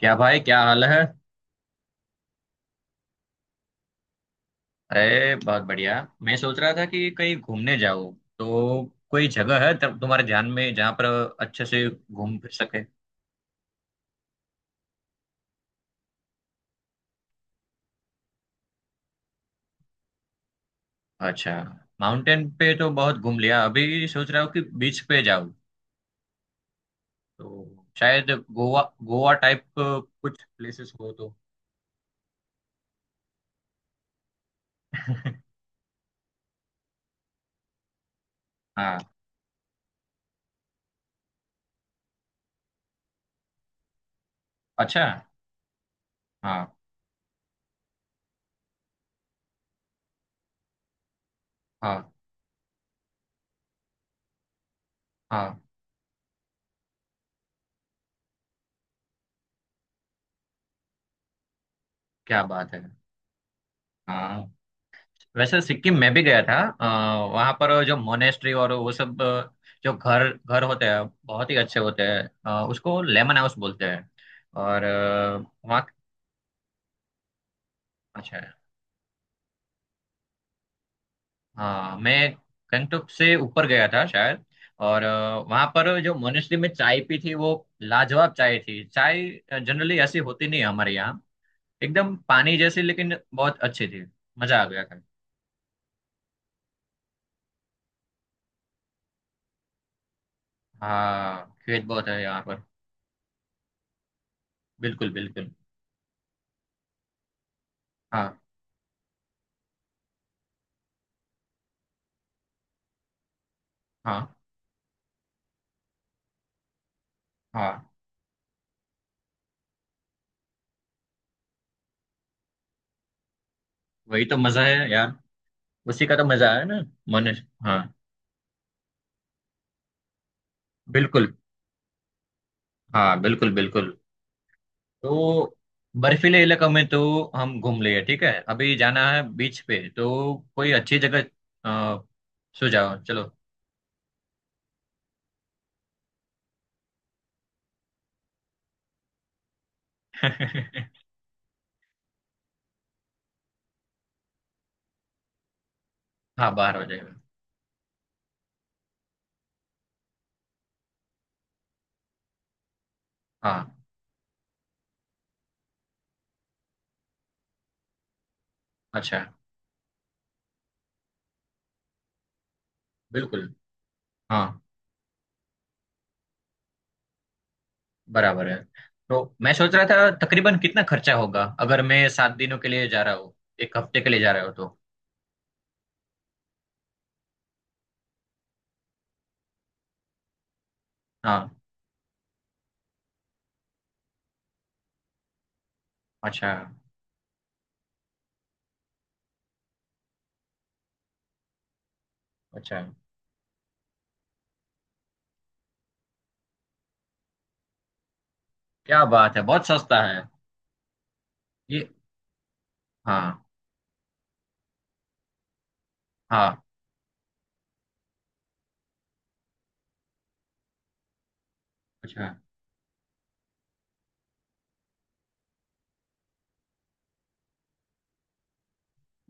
क्या भाई, क्या हाल है। अरे बहुत बढ़िया। मैं सोच रहा था कि कहीं घूमने जाओ, तो कोई जगह है तब तुम्हारे ध्यान में जहाँ पर अच्छे से घूम फिर सके। अच्छा। माउंटेन पे तो बहुत घूम लिया, अभी सोच रहा हूँ कि बीच पे जाऊँ, तो शायद गोवा, गोवा टाइप कुछ प्लेसेस हो तो। हाँ। अच्छा। हाँ, हाँ, हाँ। क्या बात है। हाँ। वैसे सिक्किम में भी गया था। वहां पर जो मोनेस्ट्री और वो सब, जो घर घर होते हैं बहुत ही अच्छे होते हैं। उसको लेमन हाउस बोलते हैं। और वहाँ। अच्छा है। हाँ मैं गंगटोक से ऊपर गया था शायद। और वहां पर जो मोनेस्ट्री में चाय पी थी, वो लाजवाब चाय थी। चाय जनरली ऐसी होती नहीं है हमारे यहाँ, एकदम पानी जैसी, लेकिन बहुत अच्छी थी। मजा आ गया था। हाँ, खेत बहुत है यहाँ पर। बिल्कुल बिल्कुल। हाँ, हाँ, हाँ। वही तो मजा है यार। उसी का तो मजा है ना। मनुष्य, हाँ। बिल्कुल। हाँ, बिल्कुल बिल्कुल। तो बर्फीले इलाकों में तो हम घूम लिए, ठीक है। अभी जाना है बीच पे, तो कोई अच्छी जगह। अ, सो जाओ चलो। हाँ, बाहर हो जाएगा। हाँ, अच्छा। बिल्कुल। हाँ, बराबर है। तो मैं सोच रहा था तकरीबन कितना खर्चा होगा अगर मैं 7 दिनों के लिए जा रहा हूँ, एक हफ्ते के लिए जा रहा हूँ तो। हाँ, अच्छा। अच्छा। क्या बात है, बहुत सस्ता है ये। हाँ, हाँ, अच्छा।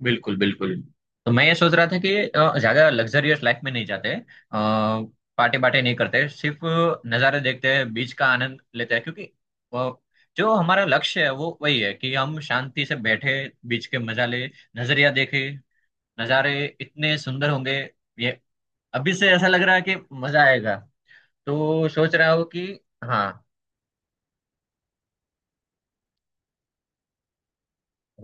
बिल्कुल बिल्कुल। तो मैं ये सोच रहा था कि ज्यादा लग्जरियस लाइफ में नहीं जाते, पार्टी बाटे नहीं करते, सिर्फ नज़ारे देखते हैं, बीच का आनंद लेते हैं। क्योंकि अ, जो हमारा लक्ष्य है वो वही है कि हम शांति से बैठे, बीच के मजा ले, नजरिया देखे। नज़ारे इतने सुंदर होंगे, ये अभी से ऐसा लग रहा है कि मजा आएगा। तो सोच रहा हूँ कि। हाँ,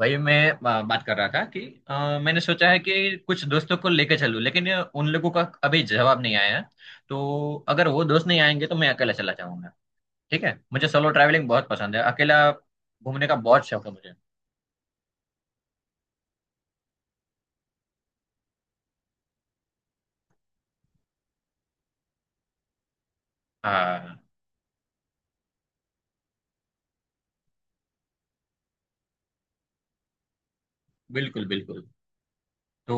वही मैं बात कर रहा था कि मैंने सोचा है कि कुछ दोस्तों को लेके चलूं, लेकिन उन लोगों का अभी जवाब नहीं आया है। तो अगर वो दोस्त नहीं आएंगे तो मैं अकेला चला जाऊंगा। ठीक है, मुझे सोलो ट्रैवलिंग बहुत पसंद है, अकेला घूमने का बहुत शौक है मुझे। हाँ, बिल्कुल बिल्कुल। तो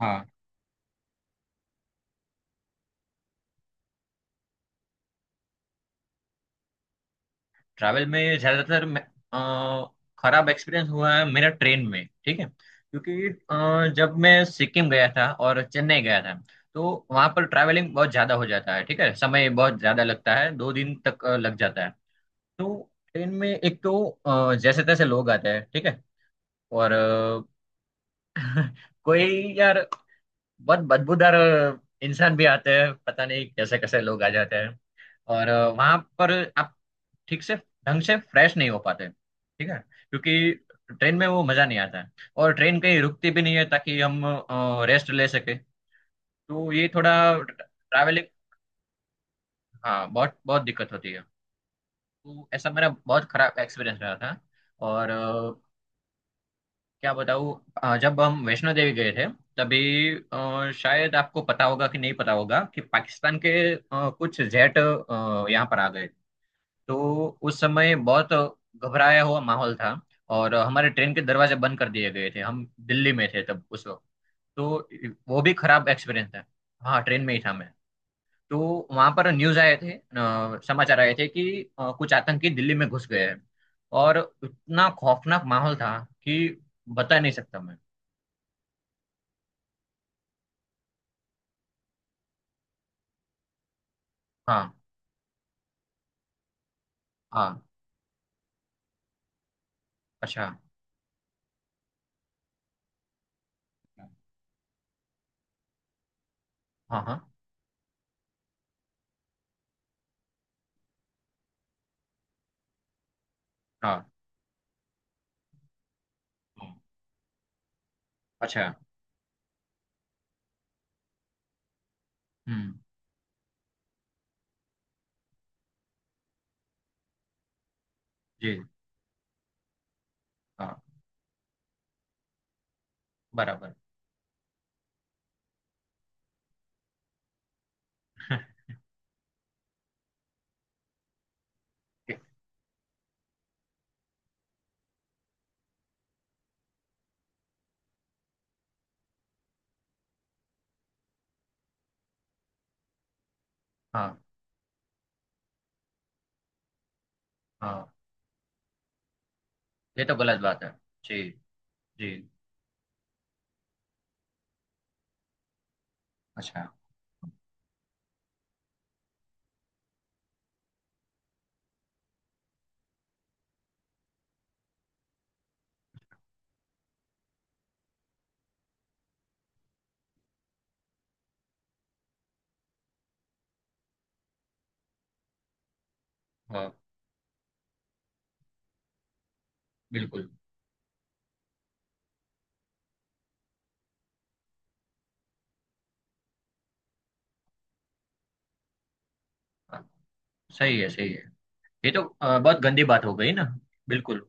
हाँ, ट्रैवल में ज्यादातर अ, खराब एक्सपीरियंस हुआ है मेरा ट्रेन में, ठीक है। क्योंकि जब मैं सिक्किम गया था और चेन्नई गया था, तो वहां पर ट्रैवलिंग बहुत ज्यादा हो जाता है, ठीक है। समय बहुत ज्यादा लगता है, 2 दिन तक लग जाता है। तो ट्रेन में एक तो जैसे तैसे लोग आते हैं, ठीक है। और कोई, यार, बहुत बदबूदार इंसान भी आते हैं, पता नहीं कैसे कैसे लोग आ जाते हैं। और वहां पर आप ठीक से ढंग से फ्रेश नहीं हो पाते, ठीक है। क्योंकि ट्रेन में वो मजा नहीं आता है। और ट्रेन कहीं रुकती भी नहीं है ताकि हम रेस्ट ले सके। तो ये थोड़ा ट्रैवलिंग, हाँ बहुत बहुत दिक्कत होती है। तो ऐसा मेरा बहुत खराब एक्सपीरियंस रहा था। और क्या बताऊँ। जब हम वैष्णो देवी गए थे तभी, शायद आपको पता होगा कि नहीं, पता होगा कि पाकिस्तान के कुछ जेट यहाँ पर आ गए। तो उस समय बहुत घबराया हुआ माहौल था। और हमारे ट्रेन के दरवाजे बंद कर दिए गए थे, हम दिल्ली में थे तब उस वक्त। तो वो भी खराब एक्सपीरियंस था। हाँ, ट्रेन में ही था मैं। तो वहां पर न्यूज आए थे, समाचार आए थे कि कुछ आतंकी दिल्ली में घुस गए हैं। और इतना खौफनाक माहौल था कि बता नहीं सकता मैं। हाँ, हाँ। अच्छा। हाँ, हाँ, हाँ। हम्म, अच्छा। हम्म। जी। हाँ, बराबर। हाँ, हाँ। ये तो गलत बात है। जी, जी। अच्छा। हाँ, बिल्कुल। हाँ, सही है, सही है। ये तो बहुत गंदी बात हो गई ना। बिल्कुल।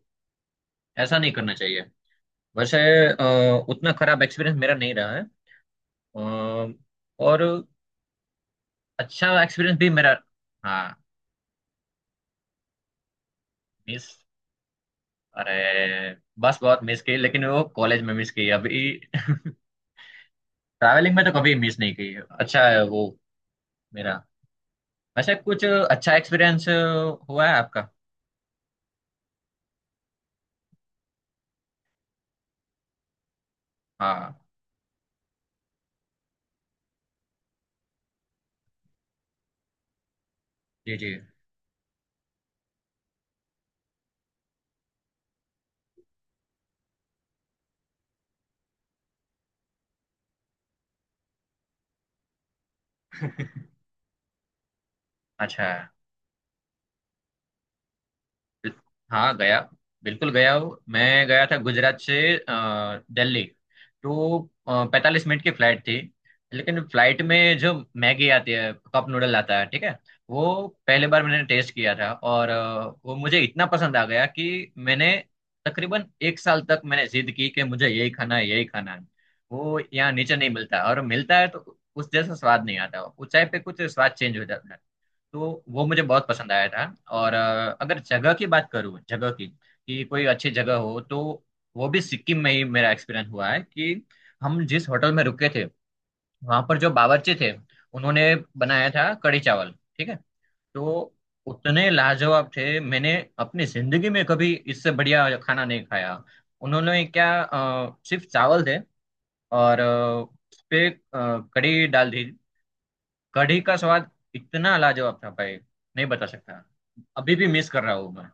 ऐसा नहीं करना चाहिए। वैसे उतना खराब एक्सपीरियंस मेरा नहीं रहा है। अ, और अच्छा एक्सपीरियंस भी मेरा। हाँ। मिस। अरे, बस बहुत मिस की, लेकिन वो कॉलेज में मिस की अभी। ट्रैवलिंग में तो कभी मिस नहीं की, अच्छा है वो। मेरा वैसे कुछ अच्छा एक्सपीरियंस हुआ है आपका। हाँ, जी, जी। अच्छा। बिल- हाँ, गया। बिल्कुल गया हूँ मैं। गया था गुजरात से दिल्ली। तो 45 मिनट की फ्लाइट थी। लेकिन फ्लाइट में जो मैगी आती है, कप नूडल आता है, ठीक है। वो पहली बार मैंने टेस्ट किया था, और वो मुझे इतना पसंद आ गया कि मैंने तकरीबन एक साल तक मैंने जिद की कि मुझे यही खाना है, यही खाना है। वो यहाँ नीचे नहीं मिलता, और मिलता है तो उस जैसा स्वाद नहीं आता। ऊंचाई पे कुछ स्वाद चेंज हो जाता है। तो वो मुझे बहुत पसंद आया था। और अगर जगह की बात करूँ, जगह की कि कोई अच्छी जगह हो, तो वो भी सिक्किम में ही मेरा एक्सपीरियंस हुआ है कि हम जिस होटल में रुके थे, वहां पर जो बावर्ची थे, उन्होंने बनाया था कढ़ी चावल, ठीक है। तो उतने लाजवाब थे, मैंने अपनी जिंदगी में कभी इससे बढ़िया खाना नहीं खाया। उन्होंने क्या, सिर्फ चावल थे, और उस पे कढ़ी डाल दी। कढ़ी का स्वाद इतना लाजवाब था भाई, नहीं बता सकता। अभी भी मिस कर रहा हूँ मैं।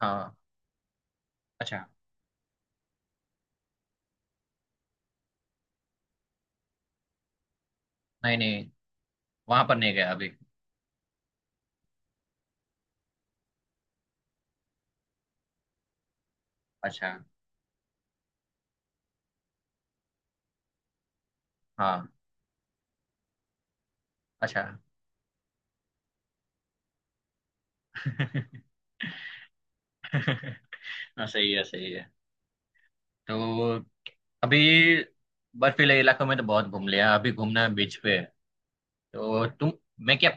हाँ। अच्छा। नहीं नहीं, वहां पर नहीं गया अभी। अच्छा। हाँ, अच्छा। हाँ, सही है, सही है। तो अभी बर्फीले इलाकों में तो बहुत घूम लिया, अभी घूमना है बीच पे। तो तुम। मैं क्या।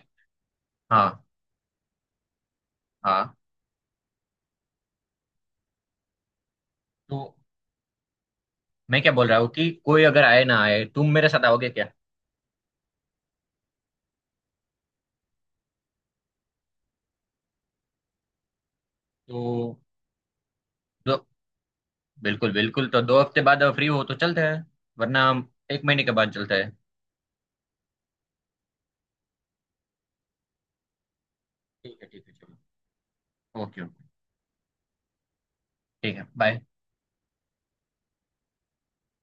हाँ, हाँ। तो मैं क्या बोल रहा हूँ कि कोई अगर आए ना आए, तुम मेरे साथ आओगे क्या। तो दो बिल्कुल बिल्कुल। तो 2 हफ्ते बाद फ्री हो तो चलते हैं, वरना हम एक महीने के बाद चलते हैं। ठीक है, ठीक है। Okay, okay. ठीक है, बाय।